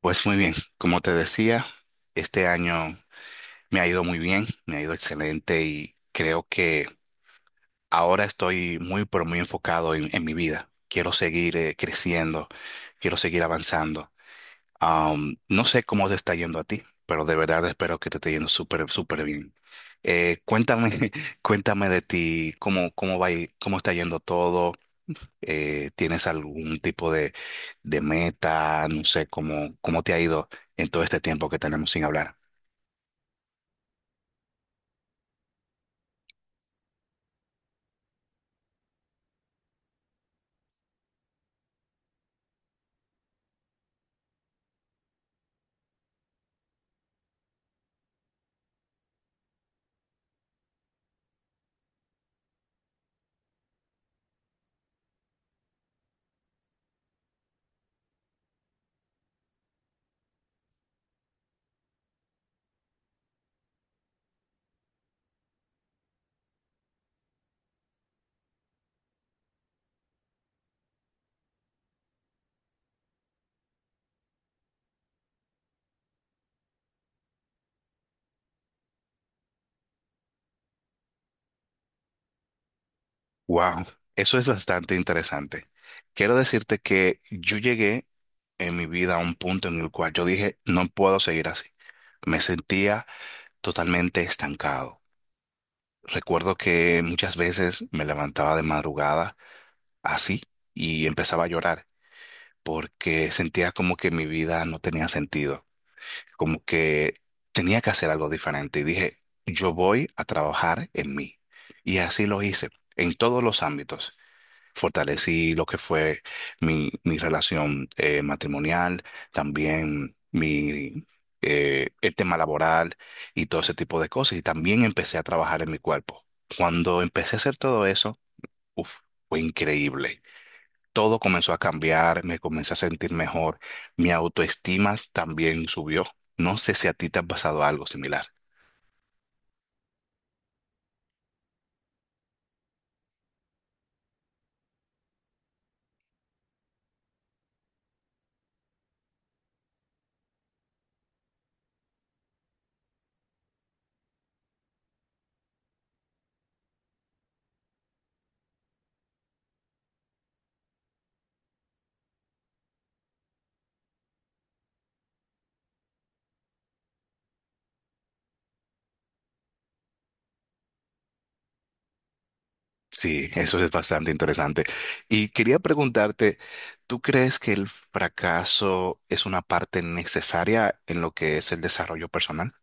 Pues muy bien, como te decía, este año me ha ido muy bien, me ha ido excelente y creo que ahora estoy muy, pero muy enfocado en mi vida. Quiero seguir creciendo, quiero seguir avanzando. No sé cómo te está yendo a ti, pero de verdad espero que te esté yendo súper, súper bien. Cuéntame, cuéntame de ti, cómo, cómo va, cómo está yendo todo, ¿tienes algún tipo de meta? No sé, ¿cómo, cómo te ha ido en todo este tiempo que tenemos sin hablar? Wow, eso es bastante interesante. Quiero decirte que yo llegué en mi vida a un punto en el cual yo dije, no puedo seguir así. Me sentía totalmente estancado. Recuerdo que muchas veces me levantaba de madrugada así y empezaba a llorar porque sentía como que mi vida no tenía sentido. Como que tenía que hacer algo diferente y dije, yo voy a trabajar en mí. Y así lo hice, en todos los ámbitos. Fortalecí lo que fue mi relación matrimonial, también mi, el tema laboral y todo ese tipo de cosas. Y también empecé a trabajar en mi cuerpo. Cuando empecé a hacer todo eso, uf, fue increíble, todo comenzó a cambiar, me comencé a sentir mejor, mi autoestima también subió. No sé si a ti te ha pasado algo similar. Sí, eso es bastante interesante. Y quería preguntarte, ¿tú crees que el fracaso es una parte necesaria en lo que es el desarrollo personal?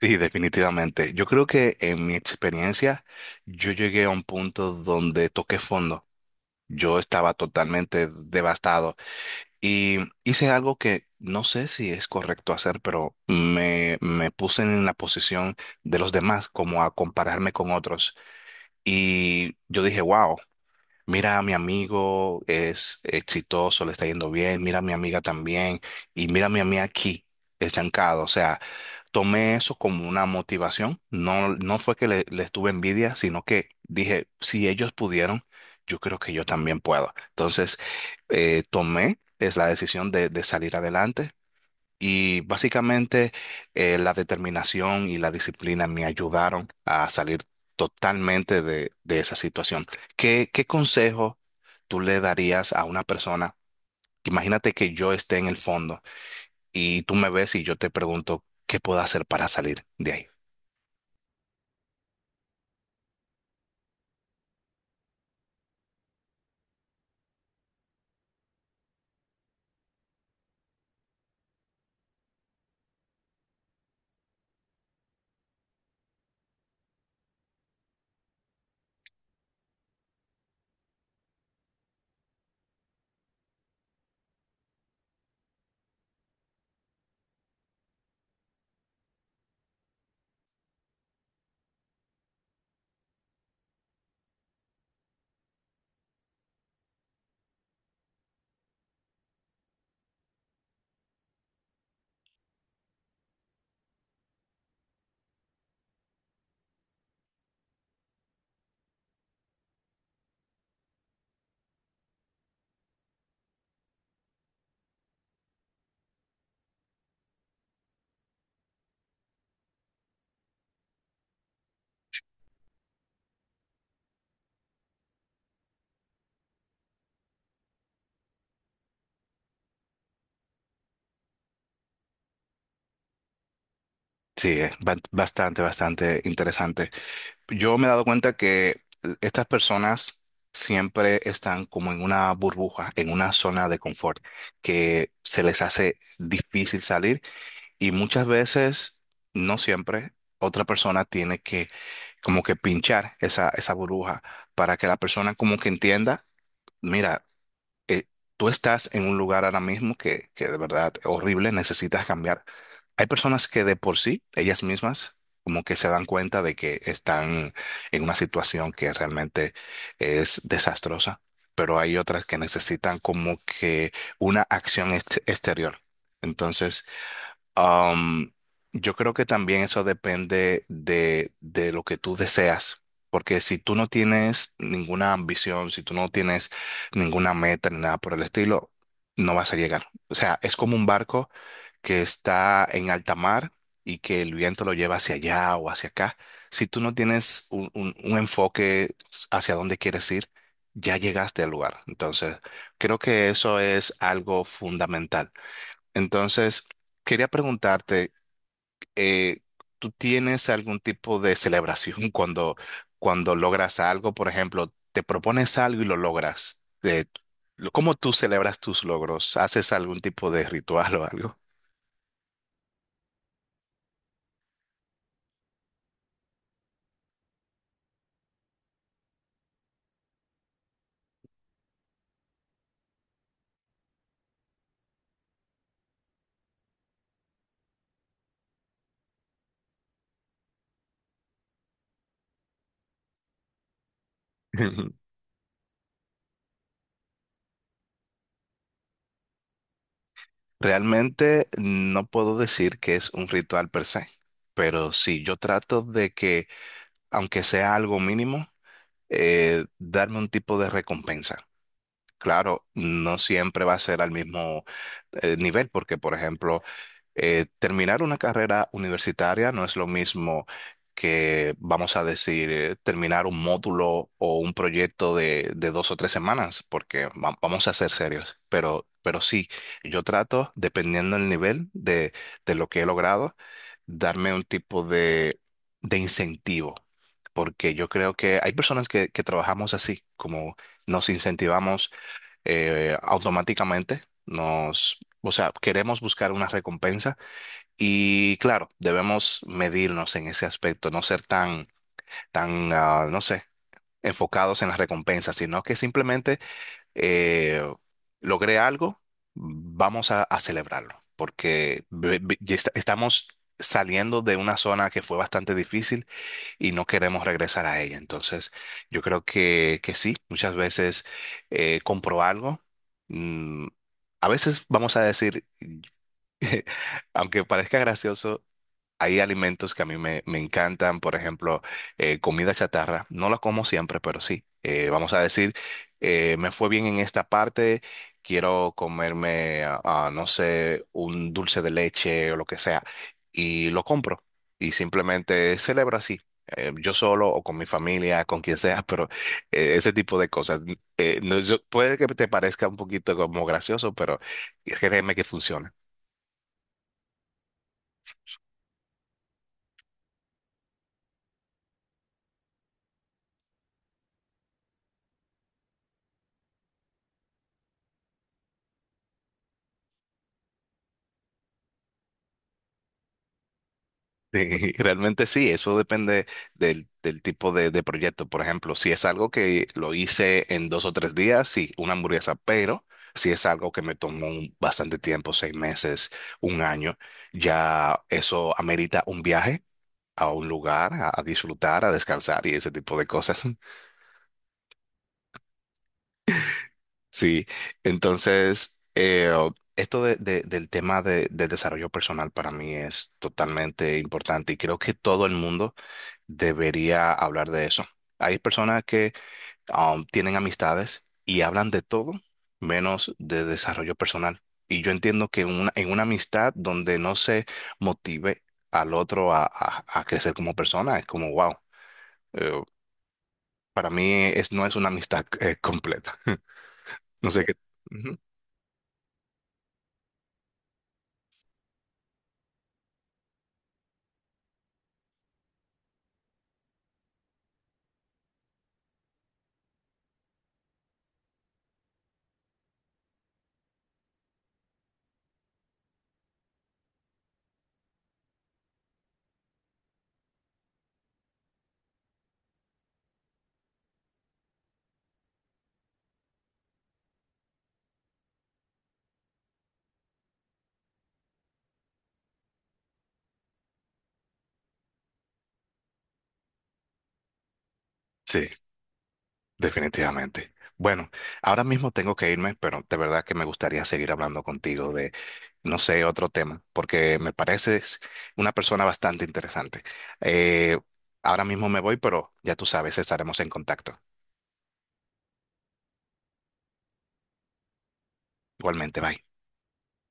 Sí, definitivamente. Yo creo que en mi experiencia yo llegué a un punto donde toqué fondo. Yo estaba totalmente devastado y hice algo que no sé si es correcto hacer, pero me puse en la posición de los demás, como a compararme con otros. Y yo dije, wow, mira a mi amigo, es exitoso, le está yendo bien, mira a mi amiga también, y mira a mí aquí, estancado. O sea, tomé eso como una motivación. No, no fue que les tuve envidia, sino que dije, si ellos pudieron, yo creo que yo también puedo. Entonces, tomé es la decisión de salir adelante y básicamente la determinación y la disciplina me ayudaron a salir totalmente de esa situación. ¿Qué, qué consejo tú le darías a una persona? Imagínate que yo esté en el fondo y tú me ves y yo te pregunto, ¿qué puedo hacer para salir de ahí? Sí, es bastante, bastante interesante. Yo me he dado cuenta que estas personas siempre están como en una burbuja, en una zona de confort, que se les hace difícil salir y muchas veces, no siempre, otra persona tiene que como que pinchar esa, esa burbuja para que la persona como que entienda, mira, eh, tú estás en un lugar ahora mismo que de verdad horrible, necesitas cambiar. Hay personas que de por sí, ellas mismas, como que se dan cuenta de que están en una situación que realmente es desastrosa, pero hay otras que necesitan como que una acción exterior. Entonces, Am, yo creo que también eso depende de lo que tú deseas, porque si tú no tienes ninguna ambición, si tú no tienes ninguna meta ni nada por el estilo, no vas a llegar. O sea, es como un barco que está en alta mar y que el viento lo lleva hacia allá o hacia acá. Si tú no tienes un enfoque hacia dónde quieres ir, ya llegaste al lugar. Entonces, creo que eso es algo fundamental. Entonces, quería preguntarte, eh, ¿tú tienes algún tipo de celebración cuando, cuando logras algo? Por ejemplo, te propones algo y lo logras. ¿Cómo tú celebras tus logros? ¿Haces algún tipo de ritual o algo? Realmente no puedo decir que es un ritual per se, pero sí, yo trato de que, aunque sea algo mínimo, darme un tipo de recompensa. Claro, no siempre va a ser al mismo nivel, porque, por ejemplo, terminar una carrera universitaria no es lo mismo que, vamos a decir, terminar un módulo o un proyecto de dos o tres semanas, porque vamos a ser serios. Pero sí, yo trato, dependiendo del nivel de lo que he logrado, darme un tipo de incentivo, porque yo creo que hay personas que trabajamos así, como nos incentivamos automáticamente nos, o sea, queremos buscar una recompensa y claro, debemos medirnos en ese aspecto, no ser tan, tan, no sé, enfocados en la recompensa, sino que simplemente eh, logré algo, vamos a celebrarlo, porque ya estamos saliendo de una zona que fue bastante difícil y no queremos regresar a ella. Entonces, yo creo que sí, muchas veces compro algo. mm, a veces vamos a decir, aunque parezca gracioso, hay alimentos que a mí me encantan, por ejemplo, comida chatarra. No la como siempre, pero sí. Vamos a decir, me fue bien en esta parte, quiero comerme, no sé, un dulce de leche o lo que sea, y lo compro. Y simplemente celebro así, yo solo o con mi familia, con quien sea, pero ese tipo de cosas. No, puede que te parezca un poquito como gracioso, pero créeme que funciona. Sí, realmente sí, eso depende del, del tipo de proyecto. Por ejemplo, si es algo que lo hice en dos o tres días, sí, una hamburguesa, pero si es algo que me tomó bastante tiempo, seis meses, un año, ya eso amerita un viaje a un lugar, a disfrutar, a descansar y ese tipo de cosas. Sí, entonces, esto del tema de, del desarrollo personal para mí es totalmente importante y creo que todo el mundo debería hablar de eso. Hay personas que tienen amistades y hablan de todo menos de desarrollo personal. Y yo entiendo que en una amistad donde no se motive al otro a, a crecer como persona, es como, wow, eh, para mí es, no es una amistad completa. No sé qué. Ujú. Sí. Definitivamente. Bueno, ahora mismo tengo que irme, pero de verdad que me gustaría seguir hablando contigo de, no sé, otro tema, porque me pareces una persona bastante interesante. Eh, ahora mismo me voy, pero ya tú sabes, estaremos en contacto. Igualmente, bye.